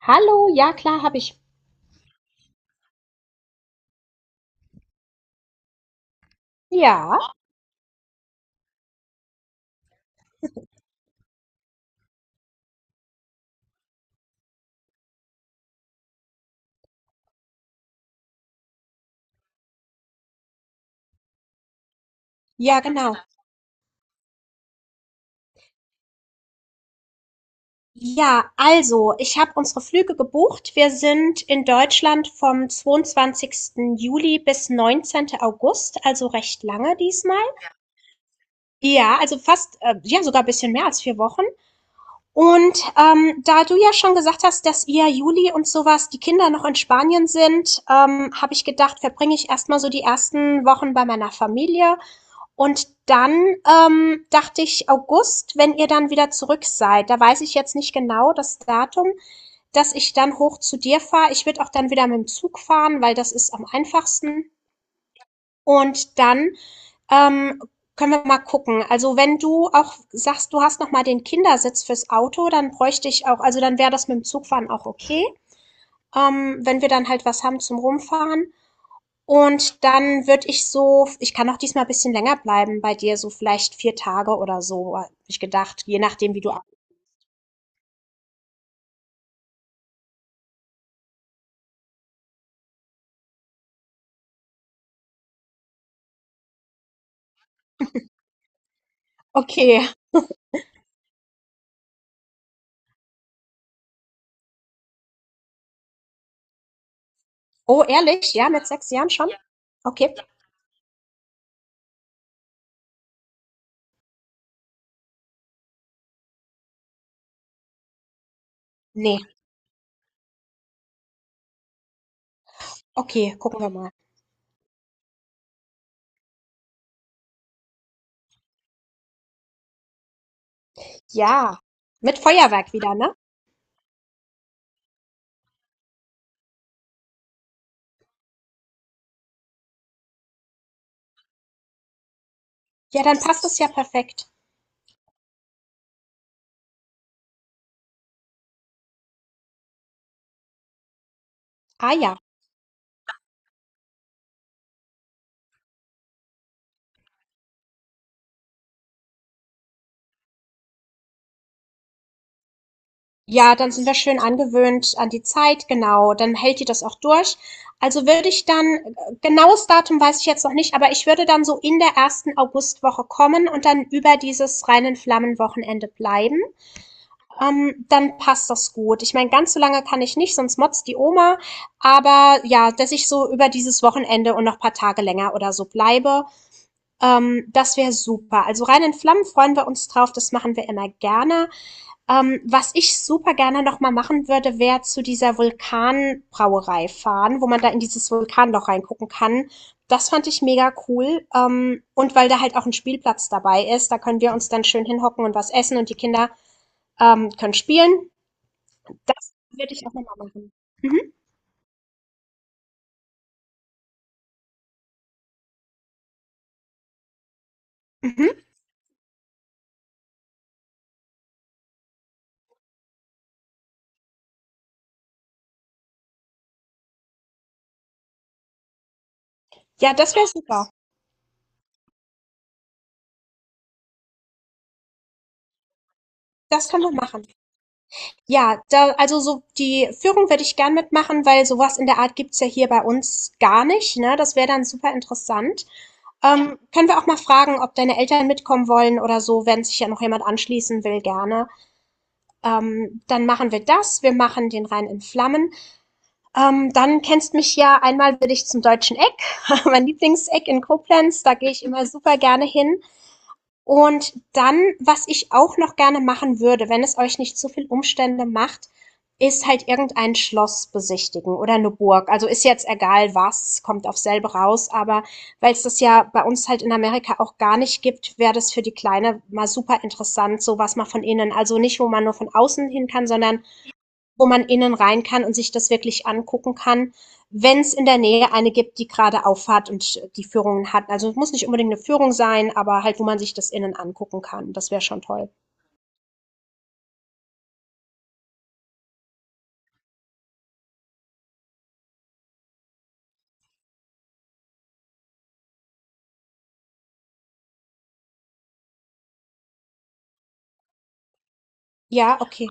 Hallo, ja klar, habe ich. Ja, genau. Ja, also, ich habe unsere Flüge gebucht. Wir sind in Deutschland vom 22. Juli bis 19. August, also recht lange diesmal. Ja, also fast, ja, sogar ein bisschen mehr als vier Wochen. Und da du ja schon gesagt hast, dass ihr Juli und sowas, die Kinder noch in Spanien sind, habe ich gedacht, verbringe ich erstmal so die ersten Wochen bei meiner Familie. Und dann, dachte ich, August, wenn ihr dann wieder zurück seid, da weiß ich jetzt nicht genau das Datum, dass ich dann hoch zu dir fahre. Ich würde auch dann wieder mit dem Zug fahren, weil das ist am einfachsten. Und dann, ähm, können wir mal gucken. Also wenn du auch sagst, du hast noch mal den Kindersitz fürs Auto, dann bräuchte ich auch, also dann wäre das mit dem Zugfahren auch okay. Wenn wir dann halt was haben zum Rumfahren. Und dann würde ich so, ich kann auch diesmal ein bisschen länger bleiben bei dir, so vielleicht 4 Tage oder so, habe ich gedacht, je nachdem, wie du a. Okay. Oh, ehrlich? Ja, mit 6 Jahren schon? Okay. Ne. Okay, gucken wir mal. Ja, mit Feuerwerk wieder, ne? Ja, dann passt es ja perfekt. Ah ja. Ja, dann sind wir schön angewöhnt an die Zeit, genau. Dann hält die das auch durch. Also würde ich dann, genaues Datum weiß ich jetzt noch nicht, aber ich würde dann so in der ersten Augustwoche kommen und dann über dieses reinen Flammenwochenende bleiben. Dann passt das gut. Ich meine, ganz so lange kann ich nicht, sonst motzt die Oma. Aber ja, dass ich so über dieses Wochenende und noch ein paar Tage länger oder so bleibe, das wäre super. Also reinen Flammen freuen wir uns drauf, das machen wir immer gerne. Was ich super gerne noch mal machen würde, wäre zu dieser Vulkanbrauerei fahren, wo man da in dieses Vulkanloch reingucken kann. Das fand ich mega cool. Und weil da halt auch ein Spielplatz dabei ist, da können wir uns dann schön hinhocken und was essen und die Kinder, können spielen. Das würde ich auch noch machen. Mhm, mhm. Ja, das wäre super. Das können wir machen. Ja, da, also so die Führung würde ich gern mitmachen, weil sowas in der Art gibt's ja hier bei uns gar nicht, ne? Das wäre dann super interessant. Können wir auch mal fragen, ob deine Eltern mitkommen wollen oder so, wenn sich ja noch jemand anschließen will, gerne. Dann machen wir das. Wir machen den Rhein in Flammen. Dann kennst mich ja, einmal will ich zum Deutschen Eck, mein Lieblingseck in Koblenz. Da gehe ich immer super gerne hin. Und dann, was ich auch noch gerne machen würde, wenn es euch nicht zu viel Umstände macht, ist halt irgendein Schloss besichtigen oder eine Burg. Also, ist jetzt egal was, kommt auf selbe raus, aber weil es das ja bei uns halt in Amerika auch gar nicht gibt, wäre das für die Kleine mal super interessant, so was mal von innen. Also, nicht, wo man nur von außen hin kann, sondern wo man innen rein kann und sich das wirklich angucken kann, wenn es in der Nähe eine gibt, die gerade auffahrt und die Führungen hat. Also es muss nicht unbedingt eine Führung sein, aber halt, wo man sich das innen angucken kann. Das wäre schon toll. Ja, okay.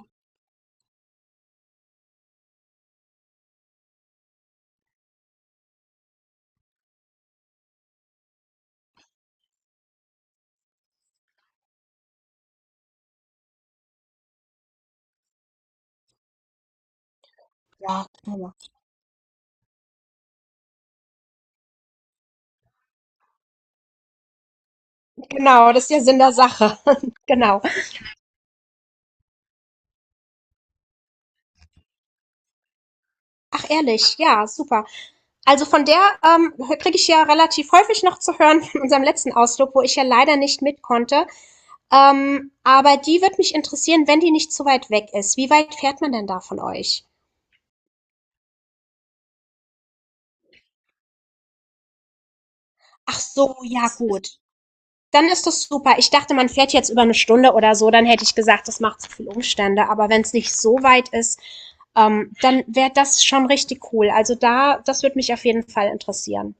Ja, genau, das ist ja Sinn der Sache. Genau. Ach, ehrlich, ja, super. Also von der kriege ich ja relativ häufig noch zu hören von unserem letzten Ausflug, wo ich ja leider nicht mit konnte. Aber die wird mich interessieren, wenn die nicht zu weit weg ist. Wie weit fährt man denn da von euch? Ach so, ja gut. Dann ist das super. Ich dachte, man fährt jetzt über eine Stunde oder so, dann hätte ich gesagt, das macht zu viel Umstände. Aber wenn es nicht so weit ist, dann wäre das schon richtig cool. Also da, das würde mich auf jeden Fall interessieren.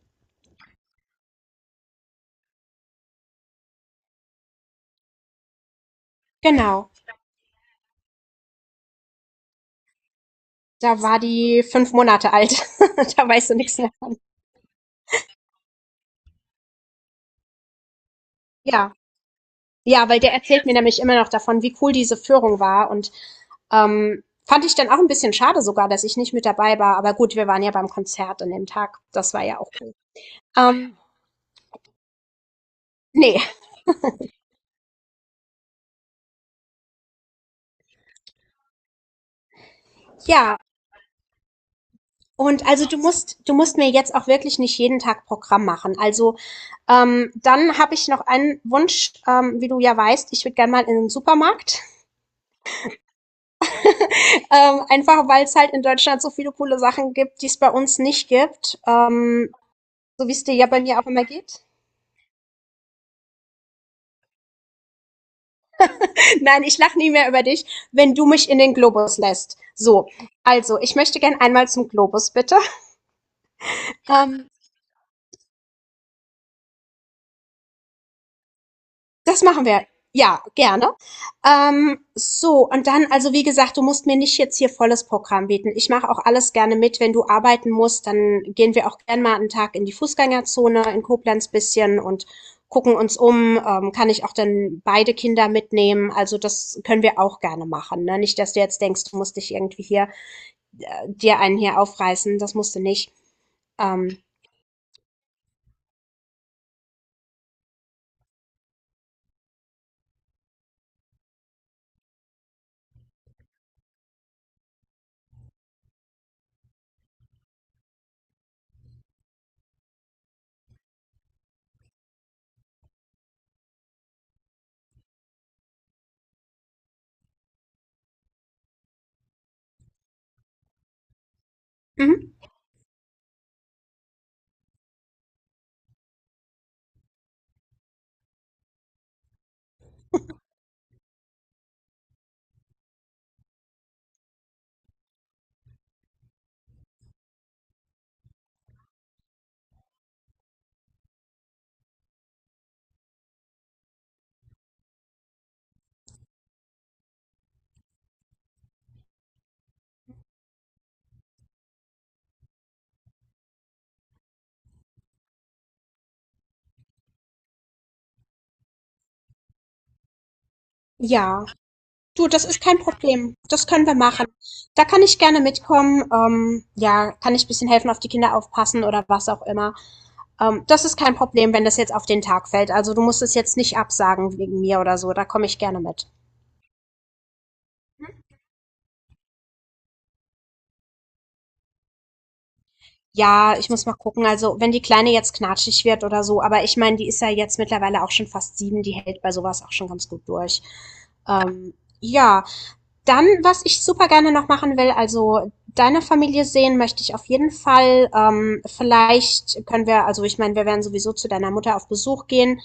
Genau. Da war die fünf Monate alt. Da weißt du nichts mehr. Ja. Ja, weil der erzählt mir nämlich immer noch davon, wie cool diese Führung war. Und ähm, fand ich dann auch ein bisschen schade sogar, dass ich nicht mit dabei war. Aber gut, wir waren ja beim Konzert an dem Tag. Das war ja auch cool. Ähm, nee, ja. Und also du musst mir jetzt auch wirklich nicht jeden Tag Programm machen. Also dann habe ich noch einen Wunsch, wie du ja weißt, ich würde gerne mal in den Supermarkt. Einfach weil es halt in Deutschland so viele coole Sachen gibt, die es bei uns nicht gibt. So wie es dir ja bei mir auch immer geht. Nein, ich lache nie mehr über dich, wenn du mich in den Globus lässt. So, also ich möchte gerne einmal zum Globus, bitte. Ähm, Das machen wir. Ja, gerne. So, und dann, also wie gesagt, du musst mir nicht jetzt hier volles Programm bieten. Ich mache auch alles gerne mit. Wenn du arbeiten musst, dann gehen wir auch gerne mal einen Tag in die Fußgängerzone in Koblenz bisschen und gucken uns um. Kann ich auch dann beide Kinder mitnehmen? Also das können wir auch gerne machen. Ne? Nicht, dass du jetzt denkst, du musst dich irgendwie hier, dir einen hier aufreißen. Das musst du nicht. Ähm, mhm. Ja. Du, das ist kein Problem. Das können wir machen. Da kann ich gerne mitkommen. Ja, kann ich ein bisschen helfen, auf die Kinder aufpassen oder was auch immer. Das ist kein Problem, wenn das jetzt auf den Tag fällt. Also du musst es jetzt nicht absagen wegen mir oder so. Da komme ich gerne mit. Ja, ich muss mal gucken. Also, wenn die Kleine jetzt knatschig wird oder so, aber ich meine, die ist ja jetzt mittlerweile auch schon fast sieben, die hält bei sowas auch schon ganz gut durch. Ähm, ja, dann, was ich super gerne noch machen will, also deine Familie sehen möchte ich auf jeden Fall. Vielleicht können wir, also ich meine, wir werden sowieso zu deiner Mutter auf Besuch gehen.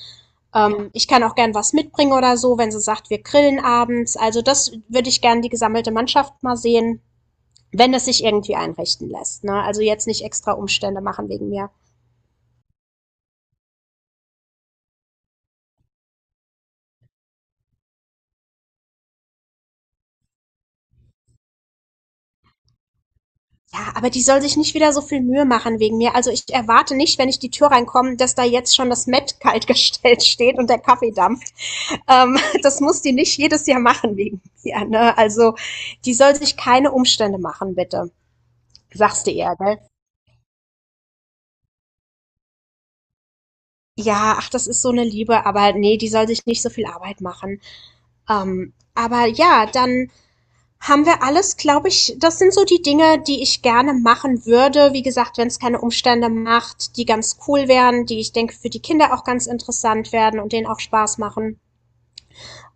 Ich kann auch gern was mitbringen oder so, wenn sie sagt, wir grillen abends. Also das würde ich gern die gesammelte Mannschaft mal sehen, wenn es sich irgendwie einrichten lässt. Ne? Also jetzt nicht extra Umstände machen wegen mir. Ja, aber die soll sich nicht wieder so viel Mühe machen wegen mir. Also ich erwarte nicht, wenn ich die Tür reinkomme, dass da jetzt schon das Met kaltgestellt steht und der Kaffeedampf. Das muss die nicht jedes Jahr machen wegen mir. Ne? Also die soll sich keine Umstände machen, bitte. Sagst du ihr, gell? Ja, ach, das ist so eine Liebe, aber nee, die soll sich nicht so viel Arbeit machen. Aber ja, dann haben wir alles, glaube ich. Das sind so die Dinge, die ich gerne machen würde. Wie gesagt, wenn es keine Umstände macht, die ganz cool wären, die ich denke für die Kinder auch ganz interessant werden und denen auch Spaß machen,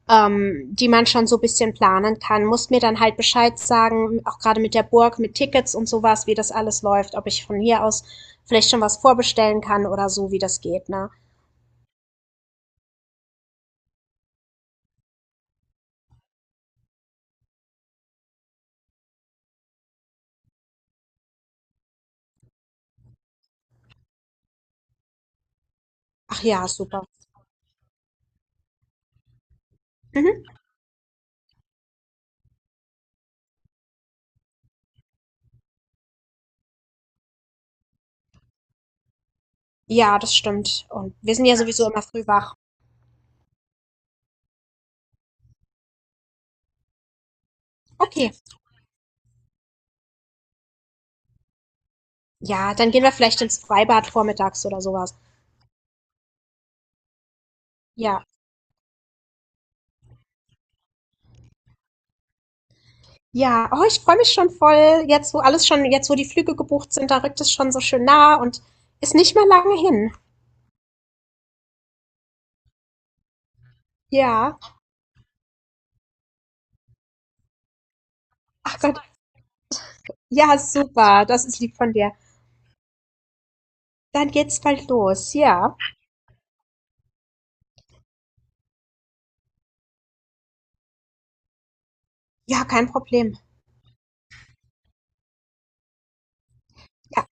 die man schon so ein bisschen planen kann. Muss mir dann halt Bescheid sagen, auch gerade mit der Burg, mit Tickets und sowas, wie das alles läuft, ob ich von hier aus vielleicht schon was vorbestellen kann oder so, wie das geht, ne? Ach ja, super. Mhm. Ja, das stimmt. Und wir sind ja sowieso immer früh wach. Okay. Ja, dann gehen wir vielleicht ins Freibad vormittags oder sowas. Ja. Ja, oh, ich freue mich schon voll. Jetzt, wo alles schon, jetzt, wo die Flüge gebucht sind, da rückt es schon so schön nah und ist nicht mehr lange hin. Ja. Ach Gott. Ja, super. Das ist lieb von dir. Dann geht's bald los. Ja. Ja, kein Problem. Ja.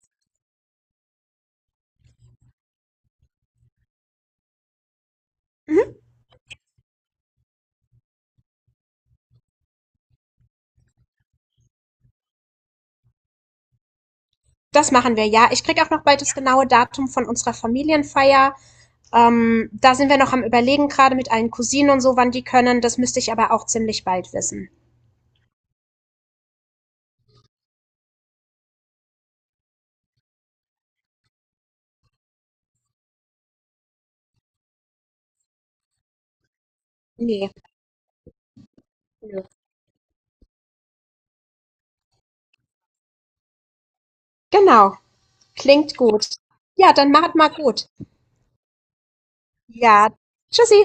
Mhm. Das machen wir. Ja, ich krieg auch noch bald das genaue Datum von unserer Familienfeier. Da sind wir noch am Überlegen, gerade mit allen Cousinen und so, wann die können. Das müsste ich aber auch ziemlich bald wissen. Nee. Nö. Genau. Klingt gut. Ja, dann macht mal gut. Ja, tschüssi.